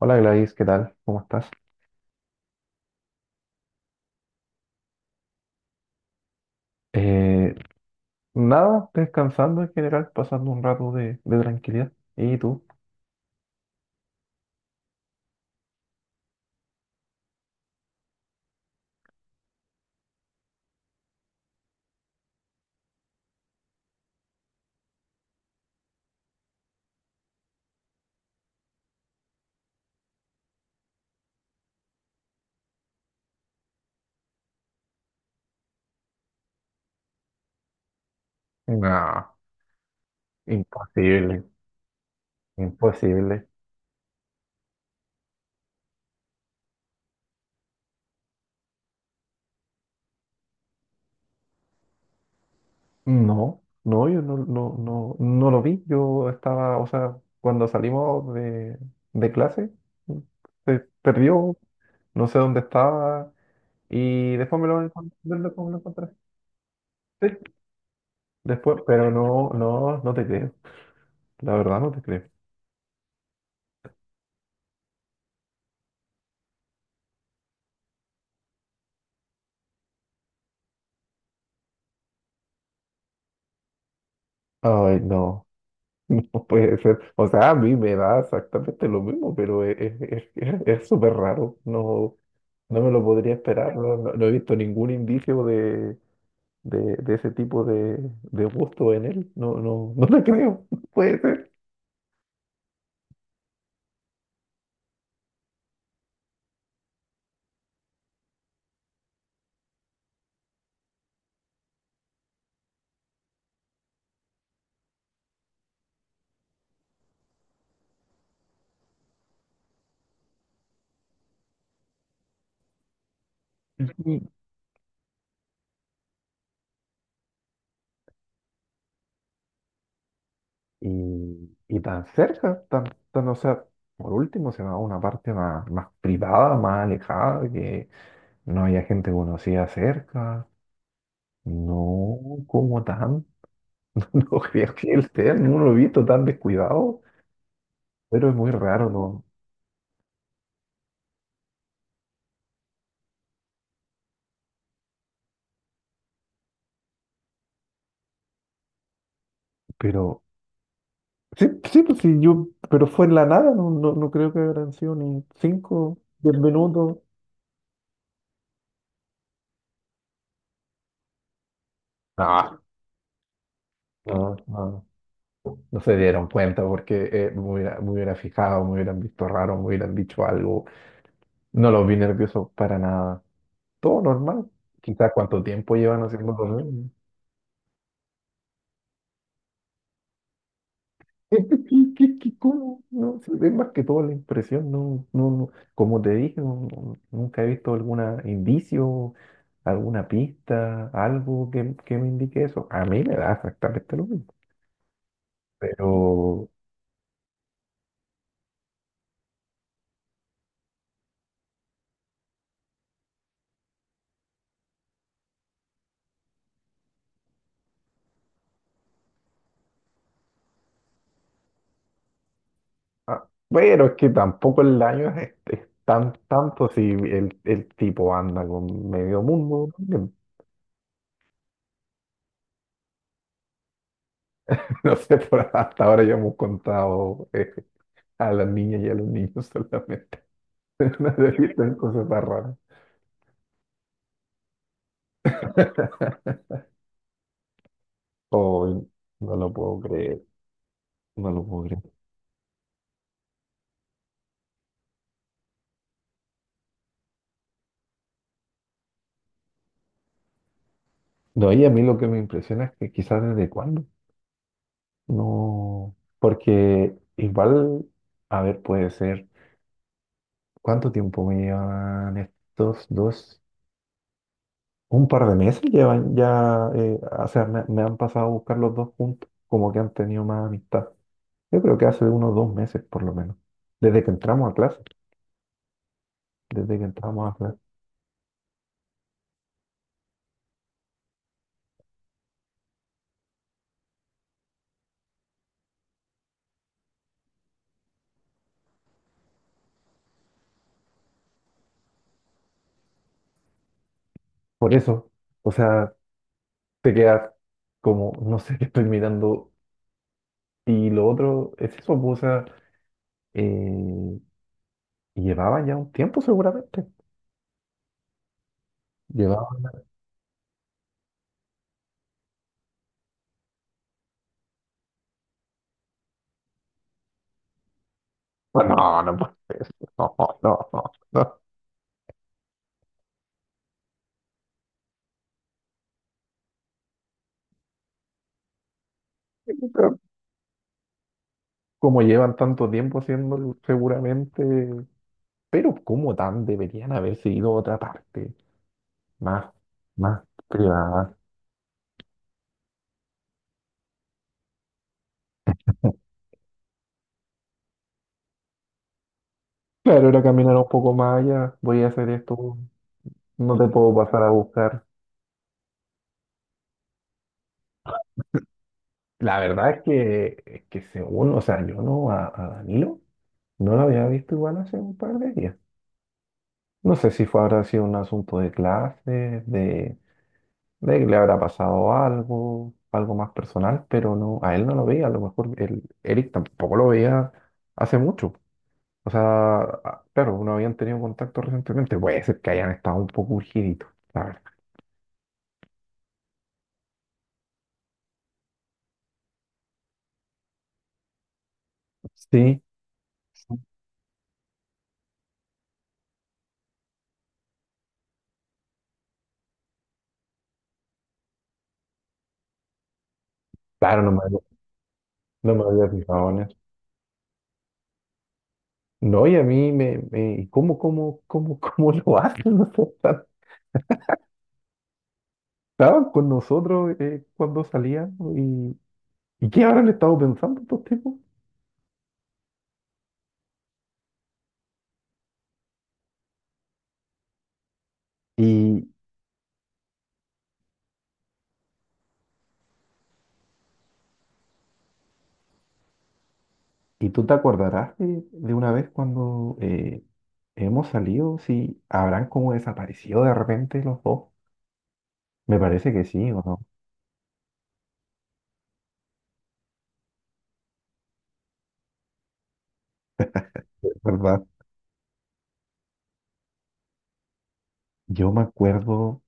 Hola Gladys, ¿qué tal? ¿Cómo estás? Eh, nada, descansando en general, pasando un rato de tranquilidad. ¿Y tú? No, imposible, imposible. No, no, yo no lo vi. Yo estaba, o sea, cuando salimos de clase, se perdió, no sé dónde estaba, y después me lo encontré. Sí, después, pero no, no te creo. La verdad no te creo. Ay, no. No puede ser. O sea, a mí me da exactamente lo mismo, pero es súper raro. No, no me lo podría esperar. No, no he visto ningún indicio de ese tipo de gusto en él. No, no, no te creo. No puede ser. Y, y tan cerca, tan, o sea, por último se va a una parte más privada, más alejada, que no haya gente conocida cerca. No, como tanto. No creo que él sea, no lo he visto tan descuidado, pero es muy raro, ¿no? Pero sí, sí, pues sí, yo, pero fue en la nada, no, no creo que habrán sido ni 5, 10 minutos. No, no, no, no se dieron cuenta porque me hubiera fijado, me hubieran visto raro, me hubieran dicho algo. No los vi nerviosos para nada. Todo normal. Quizás cuánto tiempo llevan haciendo lo mismo. ¿Cómo? No, se ve más que todo la impresión, no, no, no. Como te dije, nunca he visto algún indicio, alguna pista, algo que me indique eso. A mí me da exactamente lo mismo. Pero, ah, bueno, es que tampoco el daño es tan tanto si el tipo anda con medio mundo también. No sé, por hasta ahora ya hemos contado a las niñas y a los niños solamente. No he visto en cosas tan raras. Oh, no lo puedo creer, no lo puedo creer. No, y a mí lo que me impresiona es que quizás desde cuándo, no, porque igual, a ver, puede ser, ¿cuánto tiempo me llevan estos dos? Un par de meses llevan ya, o sea, me han pasado a buscar los dos juntos, como que han tenido más amistad. Yo creo que hace unos 2 meses por lo menos, desde que entramos a clase, desde que entramos a clase. Por eso, o sea, te quedas como, no sé, estoy mirando. Y lo otro es eso, pues, o sea, eh, llevaba ya un tiempo seguramente. Llevaba. No, no puede ser. No, no, no, no. Como llevan tanto tiempo haciéndolo, seguramente. Pero como tan deberían haberse ido a otra parte, más, más privada. Claro, era caminar un poco más allá. Voy a hacer esto, no te puedo pasar a buscar. La verdad es que según, o sea, yo no a Danilo no lo había visto igual hace un par de días. No sé si fue, habrá sido un asunto de clase, de que le habrá pasado algo, algo más personal, pero no, a él no lo veía, a lo mejor el Eric tampoco lo veía hace mucho. O sea, claro, no habían tenido contacto recientemente, puede ser que hayan estado un poco urgiditos, la verdad. Sí, claro, no me había fijado en eso. No, y a mí ¿y cómo lo hacen? O sea, está- estaban con nosotros cuando salían ¿no? ¿Y qué habrán estado pensando estos tipos? Y, y tú te acordarás de una vez cuando hemos salido, si habrán como desaparecido de repente los dos. Me parece que sí, ¿o no? ¿Verdad? Yo me acuerdo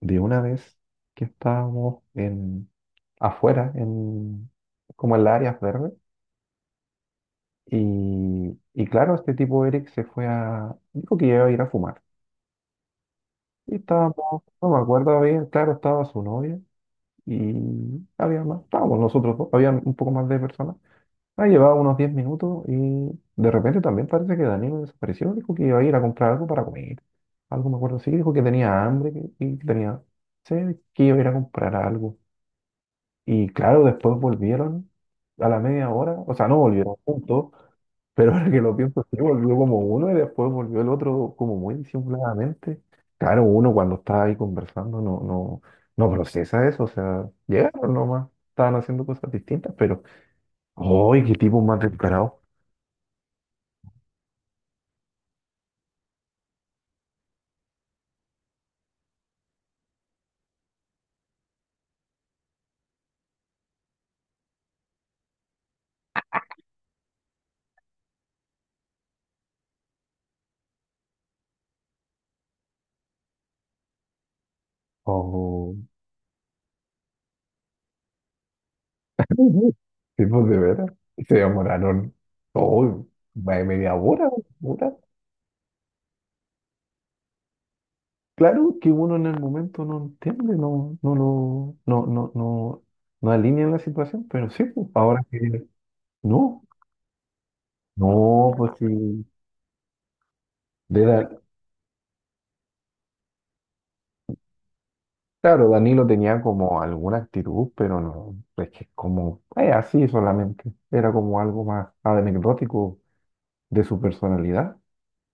de una vez que estábamos afuera, como en las áreas verdes, y claro, este tipo Eric dijo que iba a ir a fumar. Y estábamos, no me acuerdo bien, claro, estaba su novia y había más, estábamos nosotros dos, había un poco más de personas. Ah, llevaba unos 10 minutos y de repente también parece que Danilo desapareció. Dijo que iba a ir a comprar algo para comer. Algo me acuerdo, sí, dijo que tenía hambre y que tenía sed, que iba a ir a comprar algo. Y claro, después volvieron a la media hora, o sea, no volvieron juntos, pero ahora que lo pienso, sí, volvió como uno y después volvió el otro como muy disimuladamente. Claro, uno cuando está ahí conversando no procesa eso, o sea, llegaron nomás, estaban haciendo cosas distintas, pero ¡ay, qué tipo más descarado! Oh. Tipo de veras. Se demoraron todo, más de media hora, hora. Claro que uno en el momento no entiende, no, no lo, no, no, no, no alinea la situación, pero sí, pues, ahora que no, no, pues sí. De la- claro, Danilo tenía como alguna actitud, pero no, es que como, así solamente. Era como algo más anecdótico de su personalidad.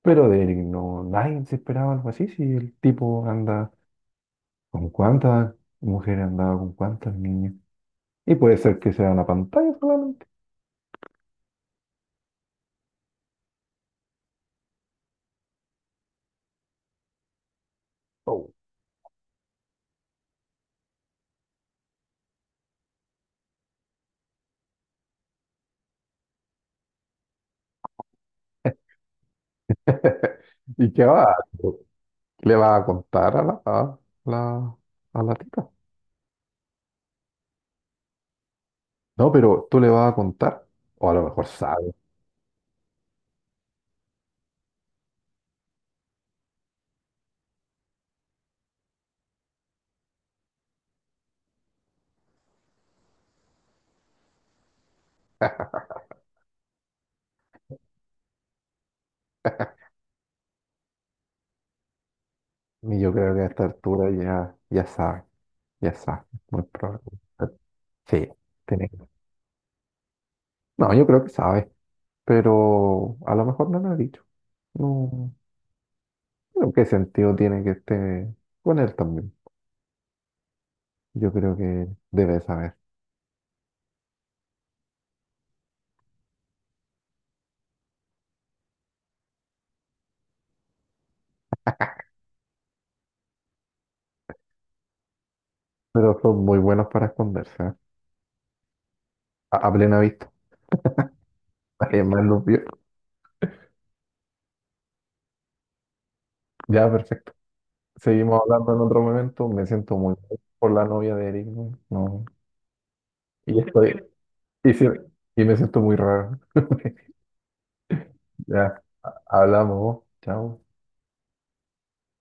Pero de él no, nadie se esperaba algo así, si el tipo anda. ¿Con cuántas mujeres andaba? ¿Con cuántos niños? Y puede ser que sea una pantalla solamente. Oh. ¿Y qué va? ¿Qué ¿Le vas a contar a la, la tipa? No, pero tú le vas a contar, o a lo mejor sabe. Y yo creo que a esta altura ya sabe, muy probable. Sí, tiene. No, yo creo que sabe, pero a lo mejor no lo ha dicho. No, pero ¿qué sentido tiene que esté con él también? Yo creo que debe saber. Pero son muy buenos para esconderse, ¿eh? A plena vista. Nadie más los vio. Ya, perfecto. Seguimos hablando en otro momento. Me siento muy mal por la novia de Eric, güey. No. Y estoy. Y, sí- y me siento muy raro. Ya, hablamos, ¿no? Chao.